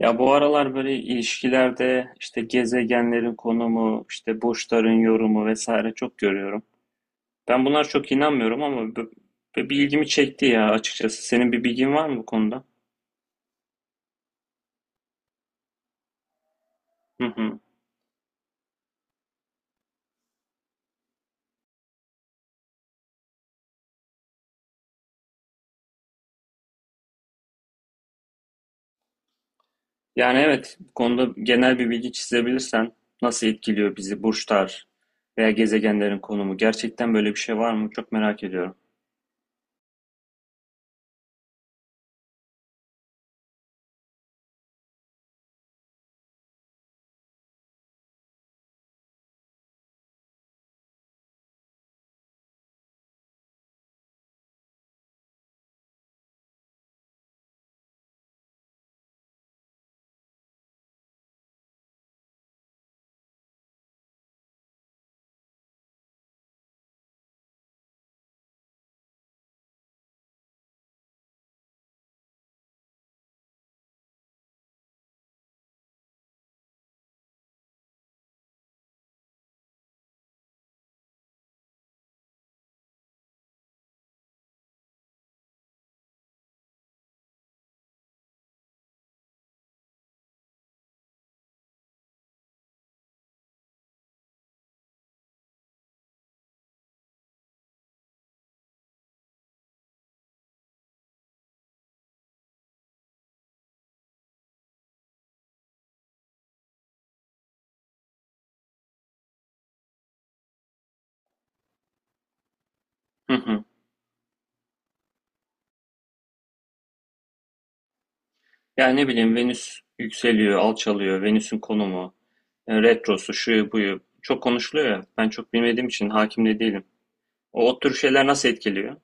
Ya bu aralar böyle ilişkilerde işte gezegenlerin konumu, işte burçların yorumu vesaire çok görüyorum. Ben bunlar çok inanmıyorum ama bir ilgimi çekti ya açıkçası. Senin bir bilgin var mı bu konuda? Hı hı. Yani evet, bu konuda genel bir bilgi çizebilirsen nasıl etkiliyor bizi burçlar veya gezegenlerin konumu? Gerçekten böyle bir şey var mı? Çok merak ediyorum. Hı hı. Yani ne bileyim Venüs yükseliyor, alçalıyor, Venüs'ün konumu, retrosu, şuyu buyu çok konuşuluyor ya. Ben çok bilmediğim için hakim de değilim. O tür şeyler nasıl etkiliyor?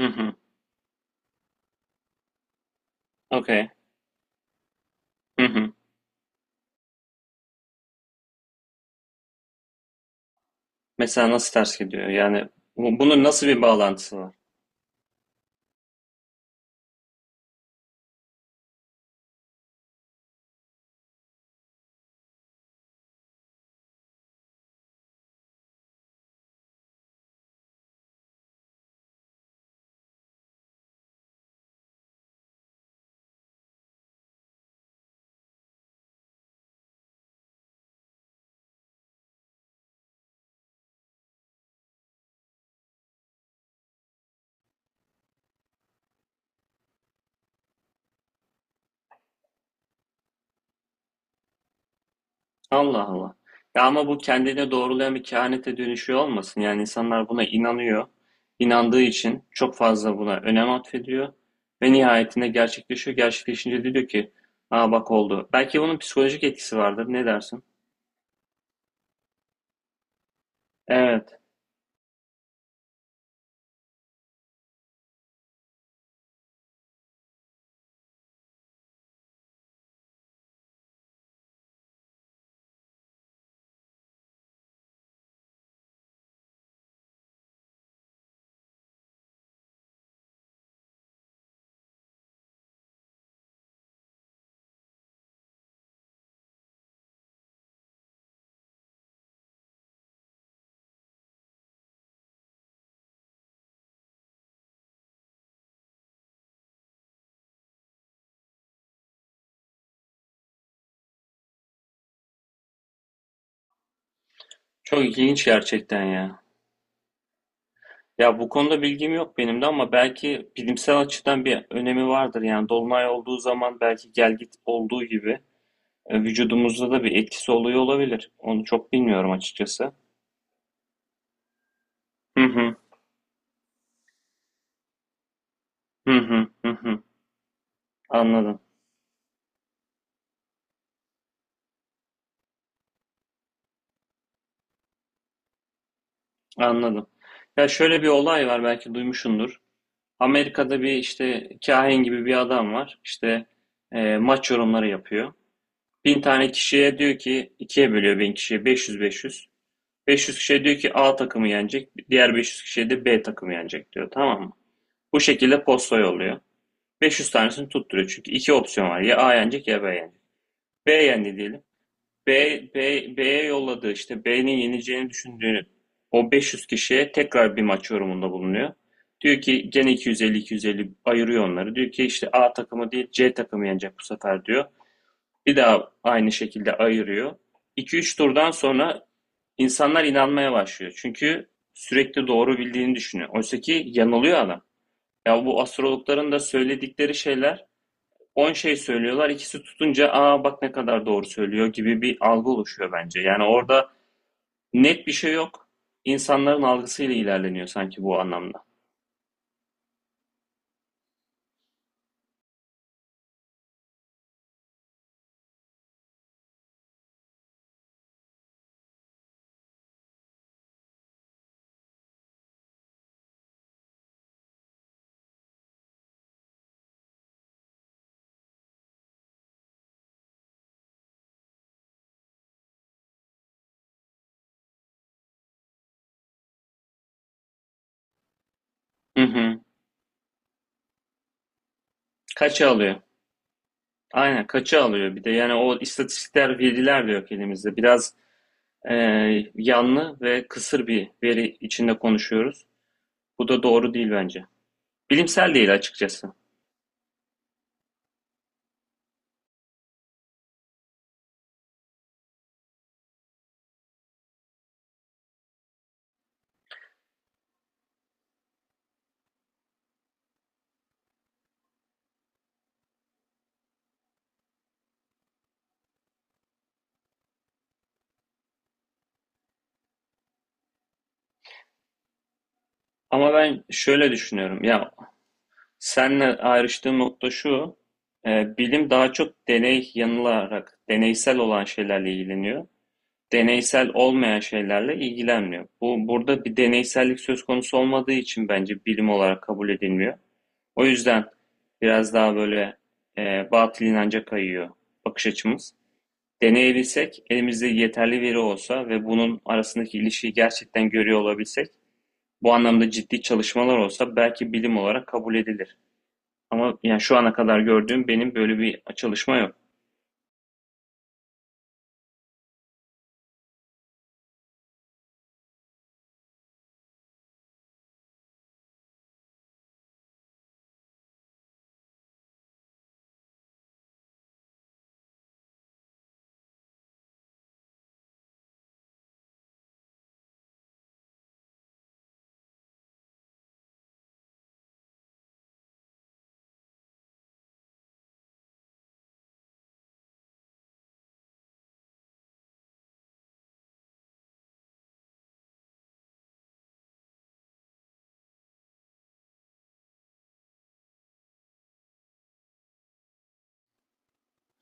Hı hı. Okey. Hı hı. Mesela nasıl ters gidiyor? Yani bunun nasıl bir bağlantısı var? Allah Allah. Ya ama bu kendine doğrulayan bir kehanete dönüşüyor olmasın? Yani insanlar buna inanıyor. İnandığı için çok fazla buna önem atfediyor. Ve nihayetinde gerçekleşiyor. Gerçekleşince de diyor ki, aa bak oldu. Belki bunun psikolojik etkisi vardır. Ne dersin? Evet. Çok ilginç gerçekten ya. Ya bu konuda bilgim yok benim de ama belki bilimsel açıdan bir önemi vardır. Yani dolunay olduğu zaman belki gelgit olduğu gibi vücudumuzda da bir etkisi oluyor olabilir. Onu çok bilmiyorum açıkçası. Hı hı. Hı hı, hı hı. Anladım, anladım. Ya şöyle bir olay var belki duymuşsundur. Amerika'da bir işte kahin gibi bir adam var. İşte maç yorumları yapıyor. 1.000 tane kişiye diyor ki ikiye bölüyor 1.000 kişiye 500-500. 500 kişiye diyor ki A takımı yenecek. Diğer 500 kişiye de B takımı yenecek diyor, tamam mı? Bu şekilde posta yolluyor. 500 tanesini tutturuyor çünkü iki opsiyon var. Ya A yenecek ya B yenecek. B yendi diyelim. B, B'ye yolladığı işte B'nin yeneceğini düşündüğünü o 500 kişiye tekrar bir maç yorumunda bulunuyor. Diyor ki gene 250-250 ayırıyor onları. Diyor ki işte A takımı değil C takımı yenecek bu sefer diyor. Bir daha aynı şekilde ayırıyor. 2-3 turdan sonra insanlar inanmaya başlıyor. Çünkü sürekli doğru bildiğini düşünüyor. Oysa ki yanılıyor adam. Ya bu astrologların da söyledikleri şeyler. 10 şey söylüyorlar, ikisi tutunca aa bak ne kadar doğru söylüyor gibi bir algı oluşuyor bence. Yani orada net bir şey yok. İnsanların algısıyla ilerleniyor sanki bu anlamda. Hı hı. Kaça alıyor? Aynen kaça alıyor bir de yani o istatistikler veriler de yok elimizde. Biraz e, yanlı ve kısır bir veri içinde konuşuyoruz. Bu da doğru değil bence. Bilimsel değil açıkçası. Ama ben şöyle düşünüyorum. Ya senle ayrıştığım nokta şu, bilim daha çok deney yanılarak, deneysel olan şeylerle ilgileniyor. Deneysel olmayan şeylerle ilgilenmiyor. Bu burada bir deneysellik söz konusu olmadığı için bence bilim olarak kabul edilmiyor. O yüzden biraz daha böyle batıl inanca kayıyor bakış açımız. Deneyebilsek, elimizde yeterli veri olsa ve bunun arasındaki ilişkiyi gerçekten görüyor olabilsek, bu anlamda ciddi çalışmalar olsa belki bilim olarak kabul edilir. Ama yani şu ana kadar gördüğüm benim böyle bir çalışma yok.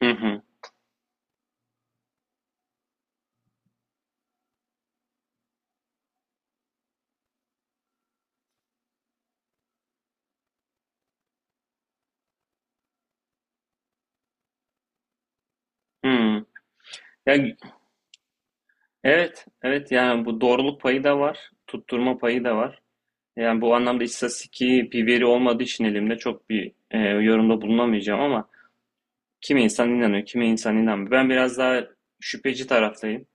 Hı hı. Hı. Ya, evet, evet yani bu doğruluk payı da var, tutturma payı da var. Yani bu anlamda istatistiki bir veri olmadığı için elimde çok bir yorumda bulunamayacağım ama kimi insan inanıyor, kimi insan inanmıyor. Ben biraz daha şüpheci taraftayım.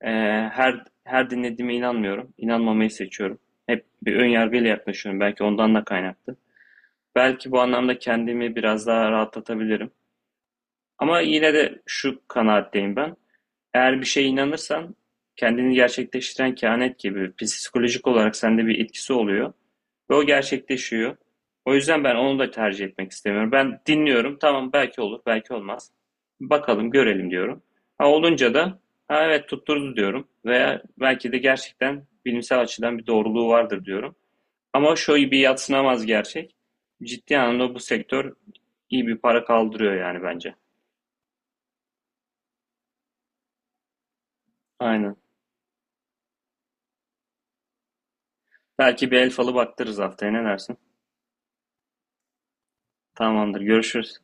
E, her dinlediğime inanmıyorum. İnanmamayı seçiyorum. Hep bir ön yargıyla yaklaşıyorum. Belki ondan da kaynaklı. Belki bu anlamda kendimi biraz daha rahatlatabilirim. Ama yine de şu kanaatteyim ben. Eğer bir şeye inanırsan kendini gerçekleştiren kehanet gibi psikolojik olarak sende bir etkisi oluyor ve o gerçekleşiyor. O yüzden ben onu da tercih etmek istemiyorum. Ben dinliyorum. Tamam belki olur, belki olmaz. Bakalım, görelim diyorum. Ha olunca da ha evet tutturdu diyorum veya belki de gerçekten bilimsel açıdan bir doğruluğu vardır diyorum. Ama şu bir yadsınamaz gerçek. Ciddi anlamda bu sektör iyi bir para kaldırıyor yani bence. Aynen. Belki bir el falı baktırırız haftaya, ne dersin? Tamamdır, görüşürüz.